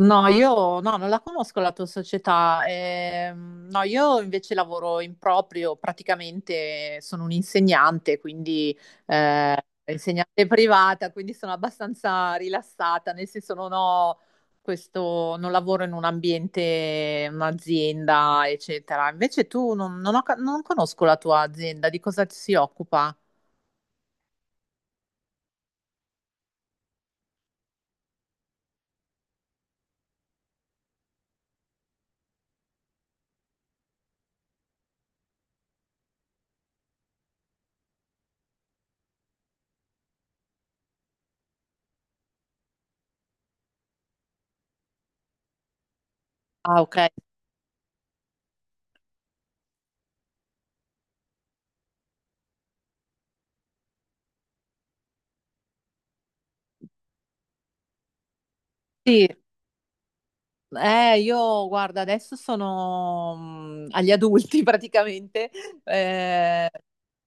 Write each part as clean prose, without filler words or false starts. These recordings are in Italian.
No, io no, non la conosco la tua società. No, io invece lavoro in proprio, praticamente sono un'insegnante, quindi eh, insegnante privata, quindi sono abbastanza rilassata, nel senso non ho questo, non lavoro in un ambiente, un'azienda, eccetera. Invece tu non, non ho ca- non conosco la tua azienda, di cosa si occupa? Ah, ok. Sì. Io guarda, adesso sono agli adulti praticamente, eh,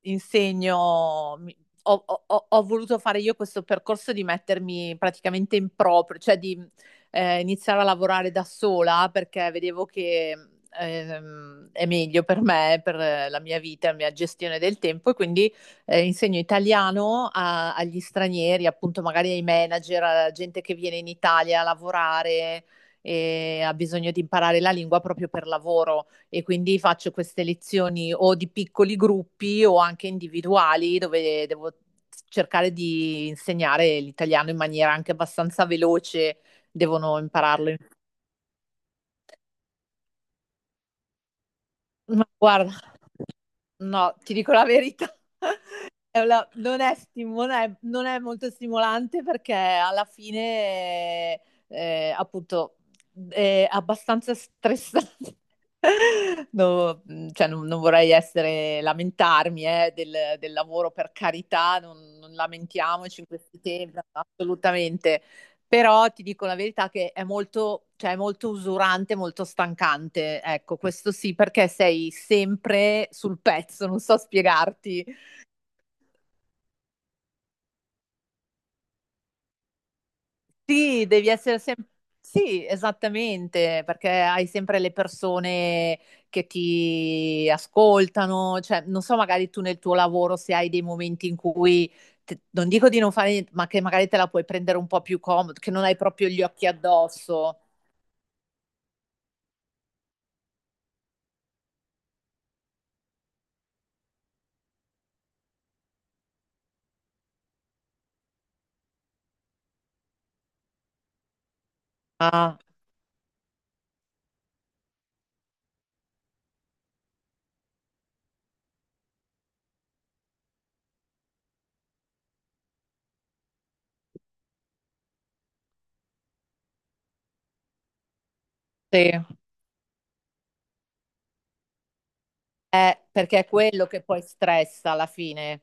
insegno, ho voluto fare io questo percorso di mettermi praticamente in proprio, cioè di iniziare a lavorare da sola perché vedevo che è meglio per me, per la mia vita, la mia gestione del tempo e quindi insegno italiano agli stranieri, appunto magari ai manager, alla gente che viene in Italia a lavorare e ha bisogno di imparare la lingua proprio per lavoro e quindi faccio queste lezioni o di piccoli gruppi o anche individuali dove devo cercare di insegnare l'italiano in maniera anche abbastanza veloce, devono impararlo. Ma guarda, no, ti dico la verità. È una- non è stimo- non è- non è molto stimolante perché alla fine, appunto, è abbastanza stressante. No, cioè, non vorrei essere, lamentarmi, del lavoro, per carità, non lamentiamoci in questi tempi, assolutamente. Però ti dico la verità che è molto, cioè, è molto usurante, molto stancante. Ecco, questo sì, perché sei sempre sul pezzo, non so spiegarti. Sì, devi essere sempre... Sì, esattamente, perché hai sempre le persone che ti ascoltano, cioè non so, magari tu nel tuo lavoro se hai dei momenti in cui, non dico di non fare niente, ma che magari te la puoi prendere un po' più comodo, che non hai proprio gli occhi addosso. Ah, sì. Perché è quello che poi stressa alla fine.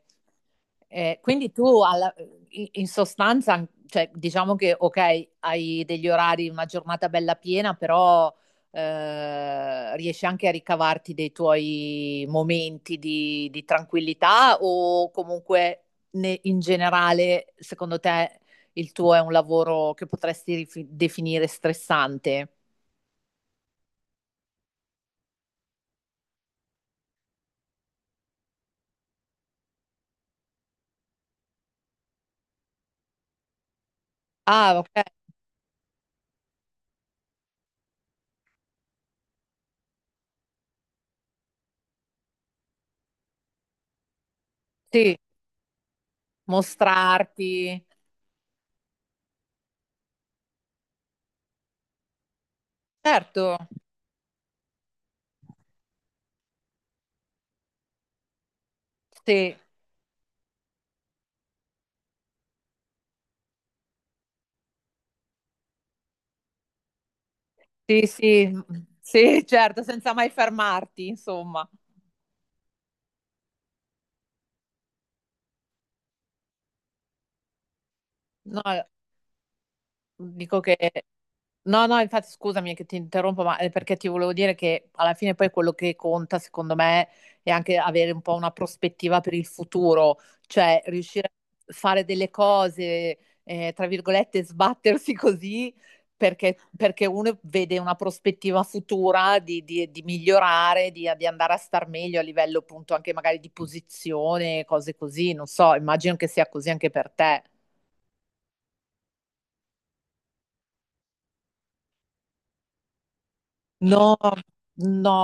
Quindi tu in sostanza, cioè, diciamo che ok, hai degli orari, una giornata bella piena, però riesci anche a ricavarti dei tuoi momenti di tranquillità o comunque in generale, secondo te, il tuo è un lavoro che potresti definire stressante? Ah, ok, sì, mostrarti. Certo, sì. Sì, sì, sì, certo, senza mai fermarti, insomma. No, dico che no, no, infatti scusami che ti interrompo, ma è perché ti volevo dire che alla fine poi quello che conta, secondo me, è anche avere un po' una prospettiva per il futuro, cioè riuscire a fare delle cose, tra virgolette, sbattersi così, perché uno vede una prospettiva futura di migliorare, di andare a star meglio a livello appunto anche magari di posizione, cose così, non so, immagino che sia così anche per te. No, no,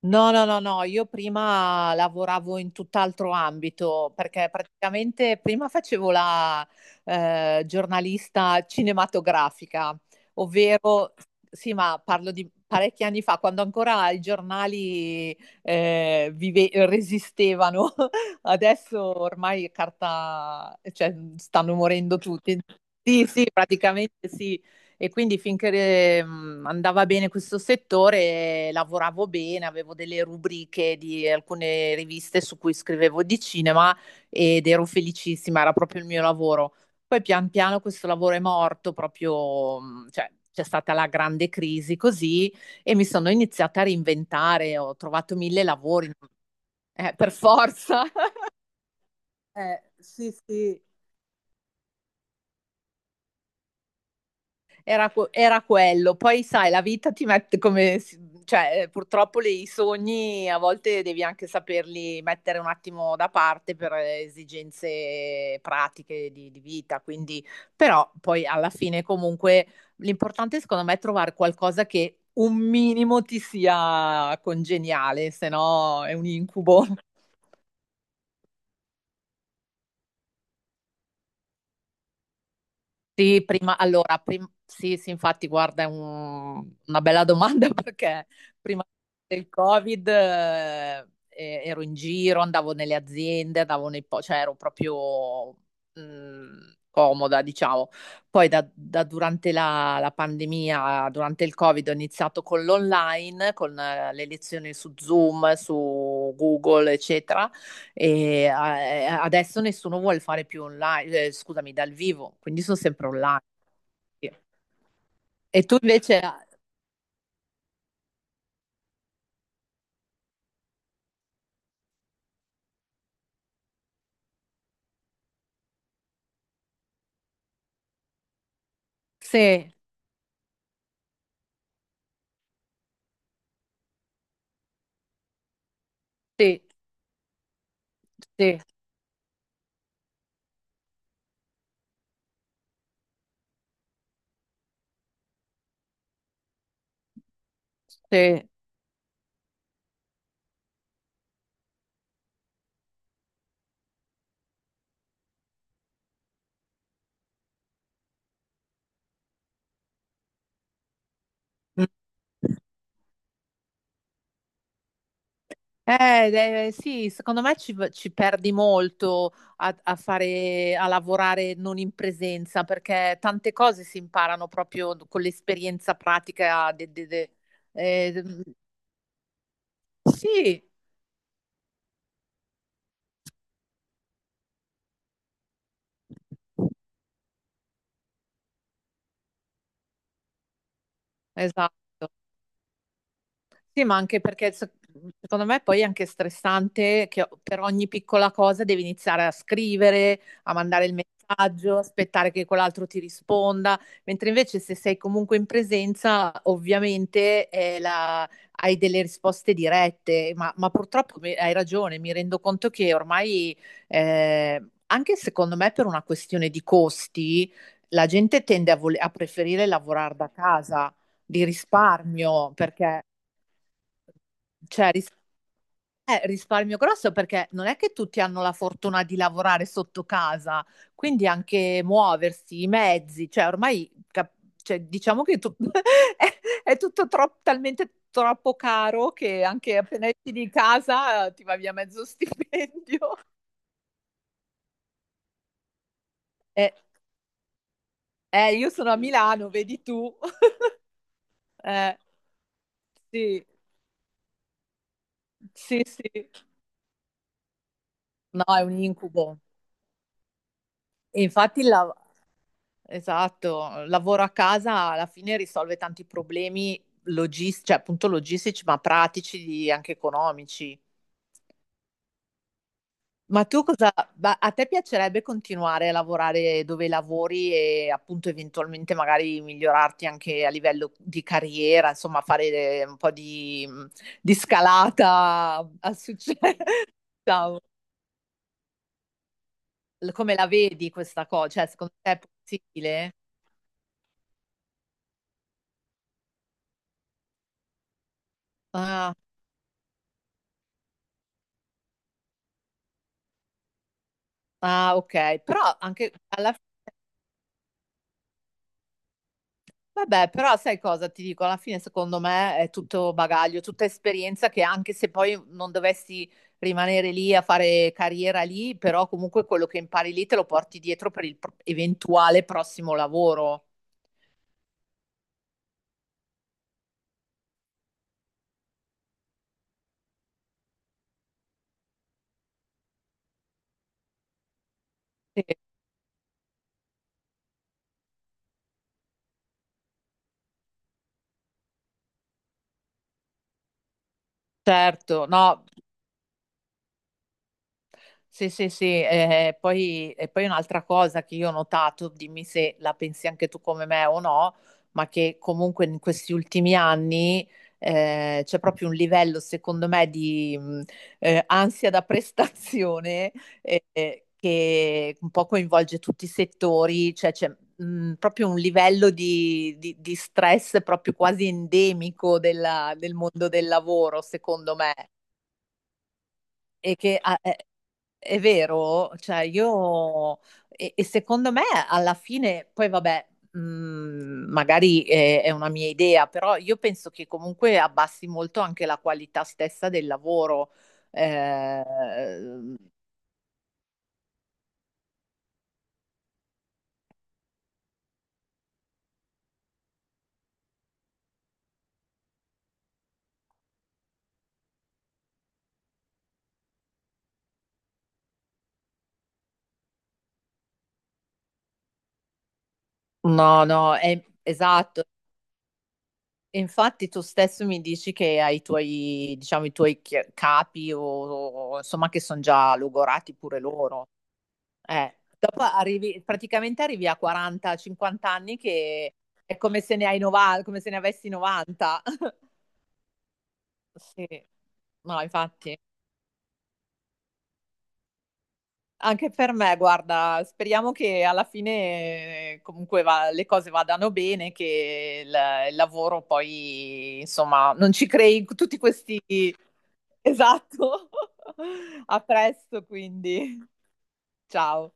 no, no, no, no, io prima lavoravo in tutt'altro ambito perché praticamente prima facevo la giornalista cinematografica, ovvero, sì, ma parlo di parecchi anni fa, quando ancora i giornali resistevano. Adesso ormai carta, cioè, stanno morendo tutti. Sì, sì, praticamente sì. E quindi finché andava bene questo settore, lavoravo bene, avevo delle rubriche di alcune riviste su cui scrivevo di cinema ed ero felicissima, era proprio il mio lavoro. Poi pian piano questo lavoro è morto, proprio, cioè, c'è stata la grande crisi così e mi sono iniziata a reinventare, ho trovato mille lavori, per forza. Sì, sì. Era quello. Poi, sai, la vita ti mette come... Cioè, purtroppo i sogni a volte devi anche saperli mettere un attimo da parte per esigenze pratiche di vita. Quindi, però, poi alla fine, comunque, l'importante secondo me è trovare qualcosa che un minimo ti sia congeniale, se no è un incubo. Sì, prima, allora, sì, sì, infatti, guarda, è una bella domanda perché prima del Covid ero in giro, andavo nelle aziende, andavo nei cioè ero proprio comoda, diciamo. Poi da durante la pandemia, durante il Covid, ho iniziato con l'online, con le lezioni su Zoom, su Google, eccetera. E adesso nessuno vuole fare più online, scusami, dal vivo, quindi sono sempre online. Sì. E tu invece, ah, sì, sì, sì, sì. Mm. Sì, secondo me ci perdi molto a lavorare non in presenza, perché tante cose si imparano proprio con l'esperienza pratica. Eh, sì, esatto. Sì, ma anche perché secondo me poi è anche stressante che per ogni piccola cosa devi iniziare a scrivere, a mandare il messaggio, aspettare che quell'altro ti risponda, mentre invece se sei comunque in presenza, ovviamente è hai delle risposte dirette, ma purtroppo hai ragione, mi rendo conto che ormai, eh, anche secondo me per una questione di costi, la gente tende a preferire lavorare da casa di risparmio perché cioè, risparmio grosso perché non è che tutti hanno la fortuna di lavorare sotto casa, quindi anche muoversi, i mezzi, cioè ormai cioè, diciamo che è tutto talmente troppo caro che anche appena esci di casa ti va via mezzo stipendio. Eh, io sono a Milano, vedi tu. Eh, sì, sì, sì. No, è un incubo. E infatti esatto, il lavoro a casa alla fine risolve tanti problemi cioè, appunto logistici, ma pratici, anche economici. Ma tu cosa, ma a te piacerebbe continuare a lavorare dove lavori e appunto eventualmente magari migliorarti anche a livello di carriera, insomma, fare un po' di, di scalata al successo? Ciao. Come la vedi questa cosa? Cioè, secondo te è possibile? Ah, ah, ok, però anche alla. Vabbè, però sai cosa ti dico? Alla fine, secondo me, è tutto bagaglio, tutta esperienza che anche se poi non dovessi rimanere lì a fare carriera lì, però comunque quello che impari lì te lo porti dietro per il eventuale prossimo lavoro. Sì, certo, no. Sì, sì, sì, e poi un'altra cosa che io ho notato, dimmi se la pensi anche tu come me o no, ma che comunque in questi ultimi anni c'è proprio un livello, secondo me, di ansia da prestazione che un po' coinvolge tutti i settori, cioè c'è proprio un livello di stress proprio quasi endemico del mondo del lavoro, secondo me. E che, ah, è vero, cioè io e secondo me alla fine, poi vabbè, magari è una mia idea, però io penso che comunque abbassi molto anche la qualità stessa del lavoro. Eh, no, no, è, esatto. Infatti tu stesso mi dici che hai i tuoi, diciamo, i tuoi capi o, insomma, che sono già logorati pure loro. Dopo arrivi, praticamente arrivi a 40-50 anni che è come se ne hai 90, come se ne avessi 90. Sì, no, infatti. Anche per me, guarda, speriamo che alla fine comunque le cose vadano bene, che il lavoro poi, insomma, non ci crei tutti questi... Esatto. A presto, quindi. Ciao.